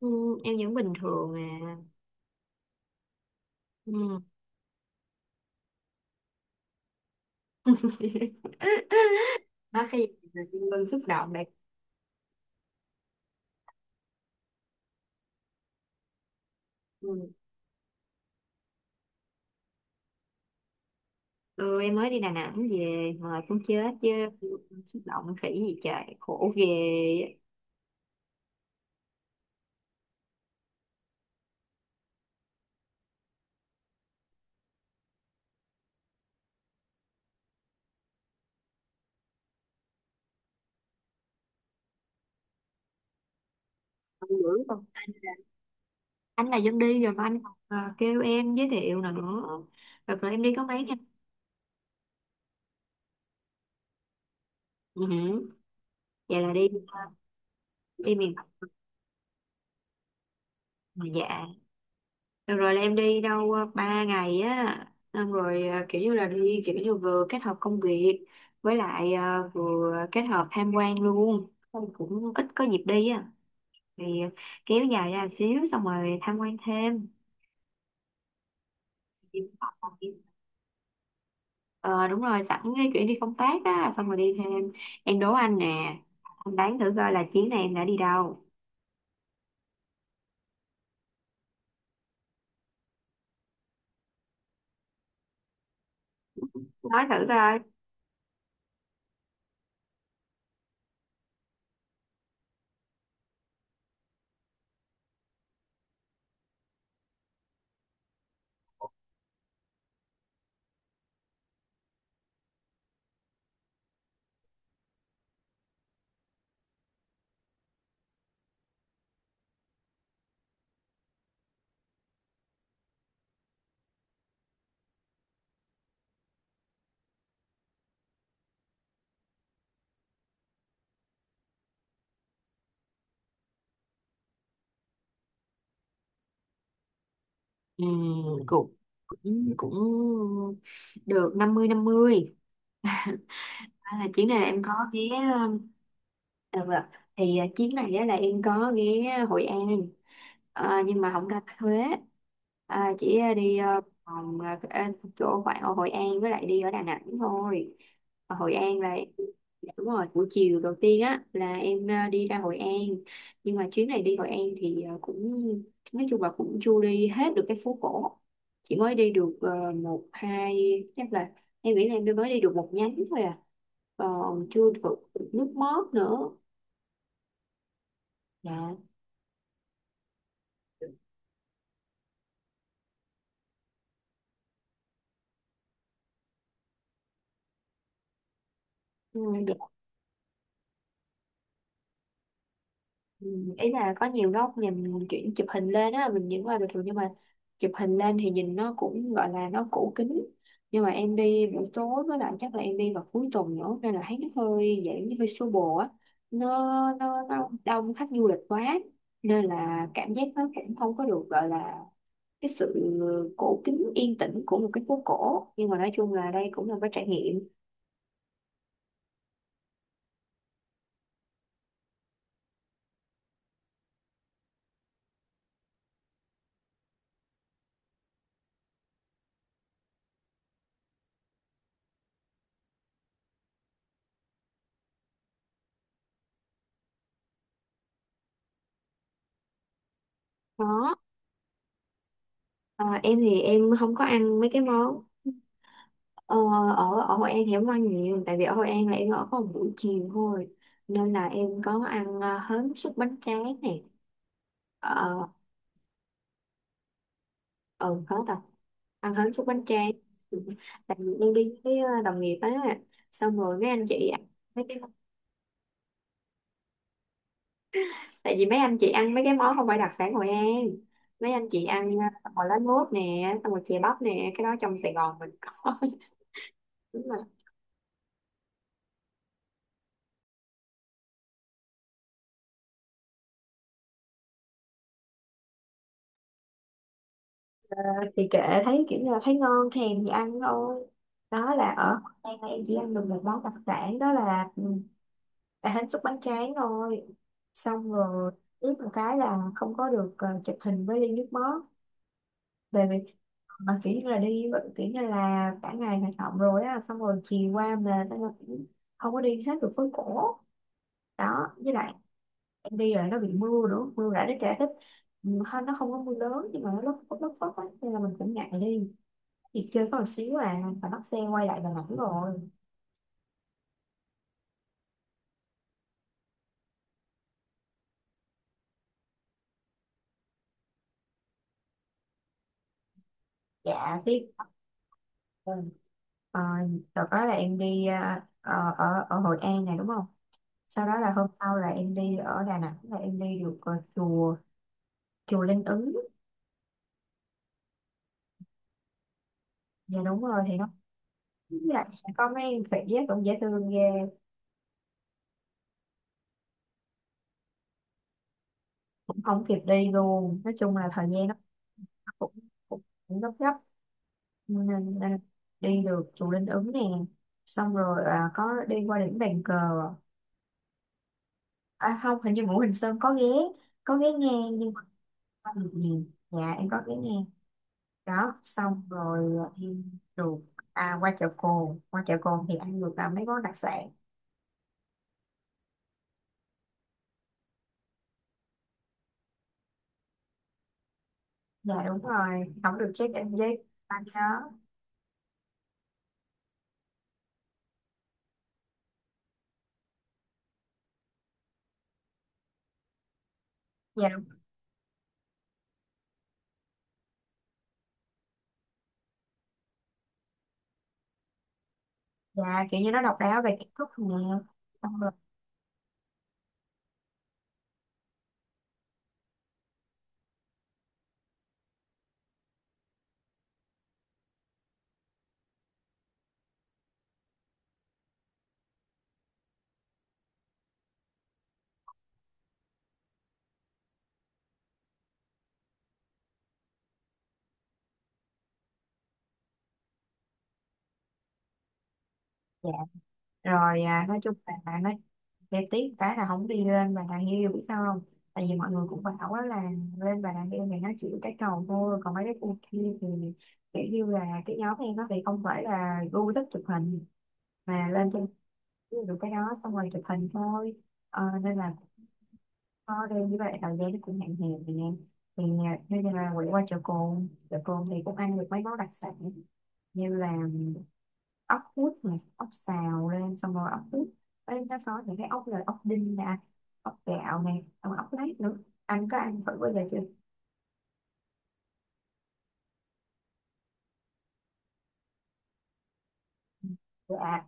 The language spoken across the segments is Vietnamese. Ừ, em vẫn bình thường à. Ừ. Nói cái gì mà Kim Ngân xúc động đấy. Ừ. Ừ, em mới đi Đà Nẵng về mà cũng chết chứ, xúc động khỉ gì trời khổ ghê. Không dữ không, anh là dân đi rồi mà anh còn, kêu em giới thiệu nào nữa. Rồi, em đi có mấy ngày. Ừ. Vậy là đi đi miền Bắc mà dạ. Được rồi là em đi đâu ba ngày á, xong rồi kiểu như là đi kiểu như vừa kết hợp công việc với lại vừa kết hợp tham quan luôn. Xong cũng ít có dịp đi á thì kéo dài ra xíu xong rồi tham quan thêm. Ờ Đúng rồi sẵn cái kiểu đi công tác á xong rồi đi thêm. Em đố anh nè, anh đoán thử coi là chuyến này em đã đi đâu. Nói thử coi. Ừ, cũng cũng cũng được 50 50. À, là chuyến này là em có ghé. ờ, À, vâng ạ. Thì chuyến này á, là em có ghé Hội An, nhưng mà không ra Huế, chỉ đi vòng, chỗ khoảng ở Hội An với lại đi ở Đà Nẵng thôi. Ở Hội An là dạ, đúng rồi buổi chiều đầu tiên á là em đi ra Hội An. Nhưng mà chuyến này đi Hội An thì cũng nói chung là cũng chưa đi hết được cái phố cổ, chỉ mới đi được một hai, chắc là em nghĩ là em mới đi được một nhánh thôi à, còn chưa được nước mót nữa. Dạ. Ừ. Dạ. Ừ, ý là có nhiều góc nhìn chuyển chụp hình lên á, mình nhìn qua bình thường nhưng mà chụp hình lên thì nhìn nó cũng gọi là nó cũ kính, nhưng mà em đi buổi tối với lại chắc là em đi vào cuối tuần nữa nên là thấy nó hơi dạng như hơi xô bồ á, nó, nó đông khách du lịch quá nên là cảm giác nó cũng không có được gọi là cái sự cổ kính yên tĩnh của một cái phố cổ, nhưng mà nói chung là đây cũng là một cái trải nghiệm. Đó. Ờ, em thì em không có ăn mấy cái món. Ờ, ở ở Hội An thì em không ăn nhiều tại vì ở Hội An là em ở có một buổi chiều thôi, nên là em có ăn hến xúc bánh tráng nè. Ờ. Ừ, hết rồi, ăn hến xúc bánh tráng. Ừ. Tại vì em đi với đồng nghiệp á, xong rồi mấy anh chị ăn mấy cái. Tại vì mấy anh chị ăn mấy cái món không phải đặc sản Hội An, mấy anh chị ăn bò lá lốt nè xong rồi chè bắp nè cái đó trong Sài Gòn mình có. Đúng. Thì kệ, thấy kiểu như là thấy ngon thèm thì ăn thôi. Đó là ở đây là em chỉ ăn được một món đặc sản đó là là hến xúc bánh tráng thôi. Xong rồi ướp một cái là không có được chụp hình với ly nước mắm, bởi vì mà kiểu như là đi, kiểu như là cả ngày hoạt động rồi á xong rồi chiều qua mệt, không có đi hết được phố cổ đó với lại em đi rồi nó bị mưa nữa, mưa rả nó trẻ thích. Ừ, hơn nó không có mưa lớn nhưng mà nó lất phất á nên là mình cũng ngại đi. Chị chơi có một xíu phải bắt xe quay lại Đà Nẵng rồi. Dạ, tiếp. Ừ. Ờ, đợt đó là em đi ở ở Hội An này đúng không? Sau đó là hôm sau là em đi ở Đà Nẵng là em đi được chùa chùa Linh Ứng. Dạ đúng rồi thì nó lại có mấy khỉ á, cũng dễ thương ghê. Cũng không kịp đi luôn. Nói chung là thời gian nó cũng cũng, cũng gấp gấp nên đi được chùa Linh Ứng nè. Xong rồi có đi qua đỉnh Bàn Cờ. Không, hình như Ngũ Hành Sơn có ghé, có ghé nghe nhưng mà không được nhiều. Dạ em có ghé nghe. Đó xong rồi đi ruột, qua chợ Cồn thì ăn được mấy món đặc sản. Dạ đúng rồi không được check in với anh đó. Dạ đúng. Dạ kiểu như nó độc đáo về kiến trúc nè, xong rồi. Dạ rồi nói chung là bạn nói để tiếc cái là không đi lên Bà Nà Hills biết sao không, tại vì mọi người cũng bảo á là lên Bà Nà Hills thì nó chỉ cái cầu thôi còn mấy cái khu kia thì kiểu như là cái nhóm em nó thì không phải là gu thích chụp hình mà lên trên được cái đó xong rồi chụp hình thôi. Nên là thôi đi như vậy thời gian nó cũng hạn hẹp nè, thì bây là quay qua chợ cồn, chợ cồn thì cũng ăn được mấy món đặc sản như là ốc hút này, ốc xào lên xong rồi ốc hút. Bên nó có những cái ốc là ốc đinh nè, ốc gạo nè xong rồi ốc lát nữa. Anh có ăn thử bao giờ chưa? Dạ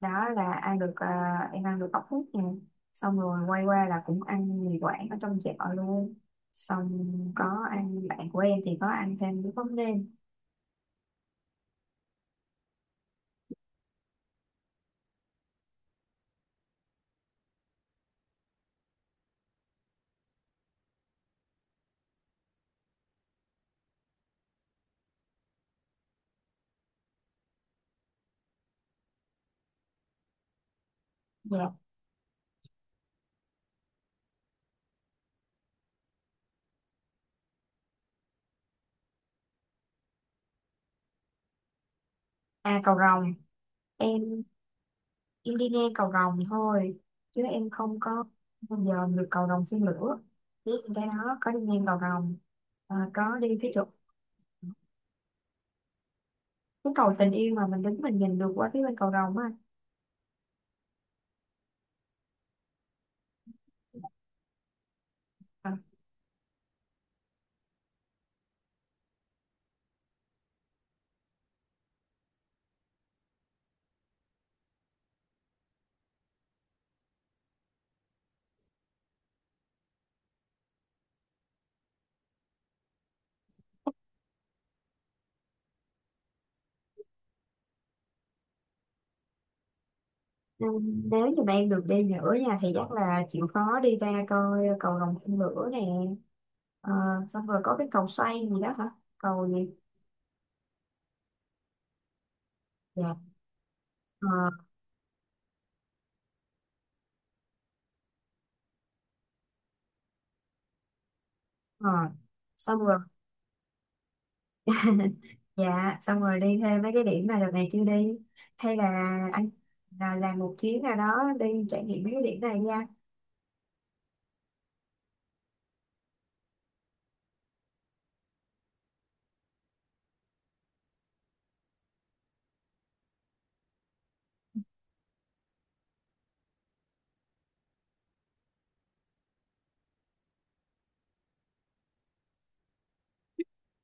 đó là ăn được em ăn được ốc hút nè, xong rồi quay qua là cũng ăn mì quảng ở trong chợ luôn. Xong có ăn, bạn của em thì có ăn thêm cái món nêm. Dạ. À cầu rồng, em em đi nghe cầu rồng thôi chứ em không có bao giờ được cầu rồng xin lửa, biết cái đó có đi ngang cầu rồng, có đi cái chỗ cái cầu tình yêu mà mình đứng mình nhìn được qua phía bên cầu rồng á. À, nếu như mà em được đi nữa nha thì chắc là chịu khó đi ra coi cầu rồng xin lửa nè. Ờ, xong rồi có cái cầu xoay gì đó hả, cầu gì? Dạ. Ờ, ờ. Xong rồi. Dạ xong rồi đi thêm mấy cái điểm mà đợt này chưa đi hay là anh là làm một chuyến nào đó đi trải nghiệm mấy cái điểm này nha.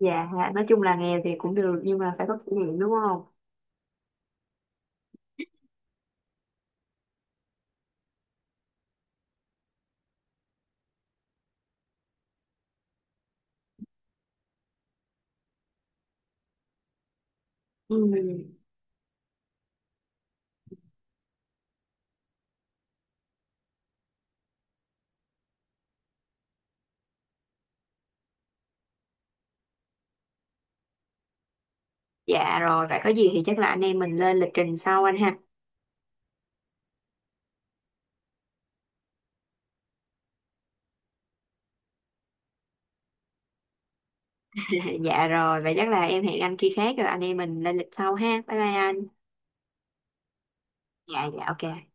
Dạ, nói chung là nghèo thì cũng được nhưng mà phải có kỷ niệm đúng không? Ừ. Dạ rồi, vậy có gì thì chắc là anh em mình lên lịch trình sau anh ha. Dạ rồi, vậy chắc là em hẹn anh khi khác rồi anh em mình lên lịch sau ha. Bye bye anh. Dạ, dạ ok.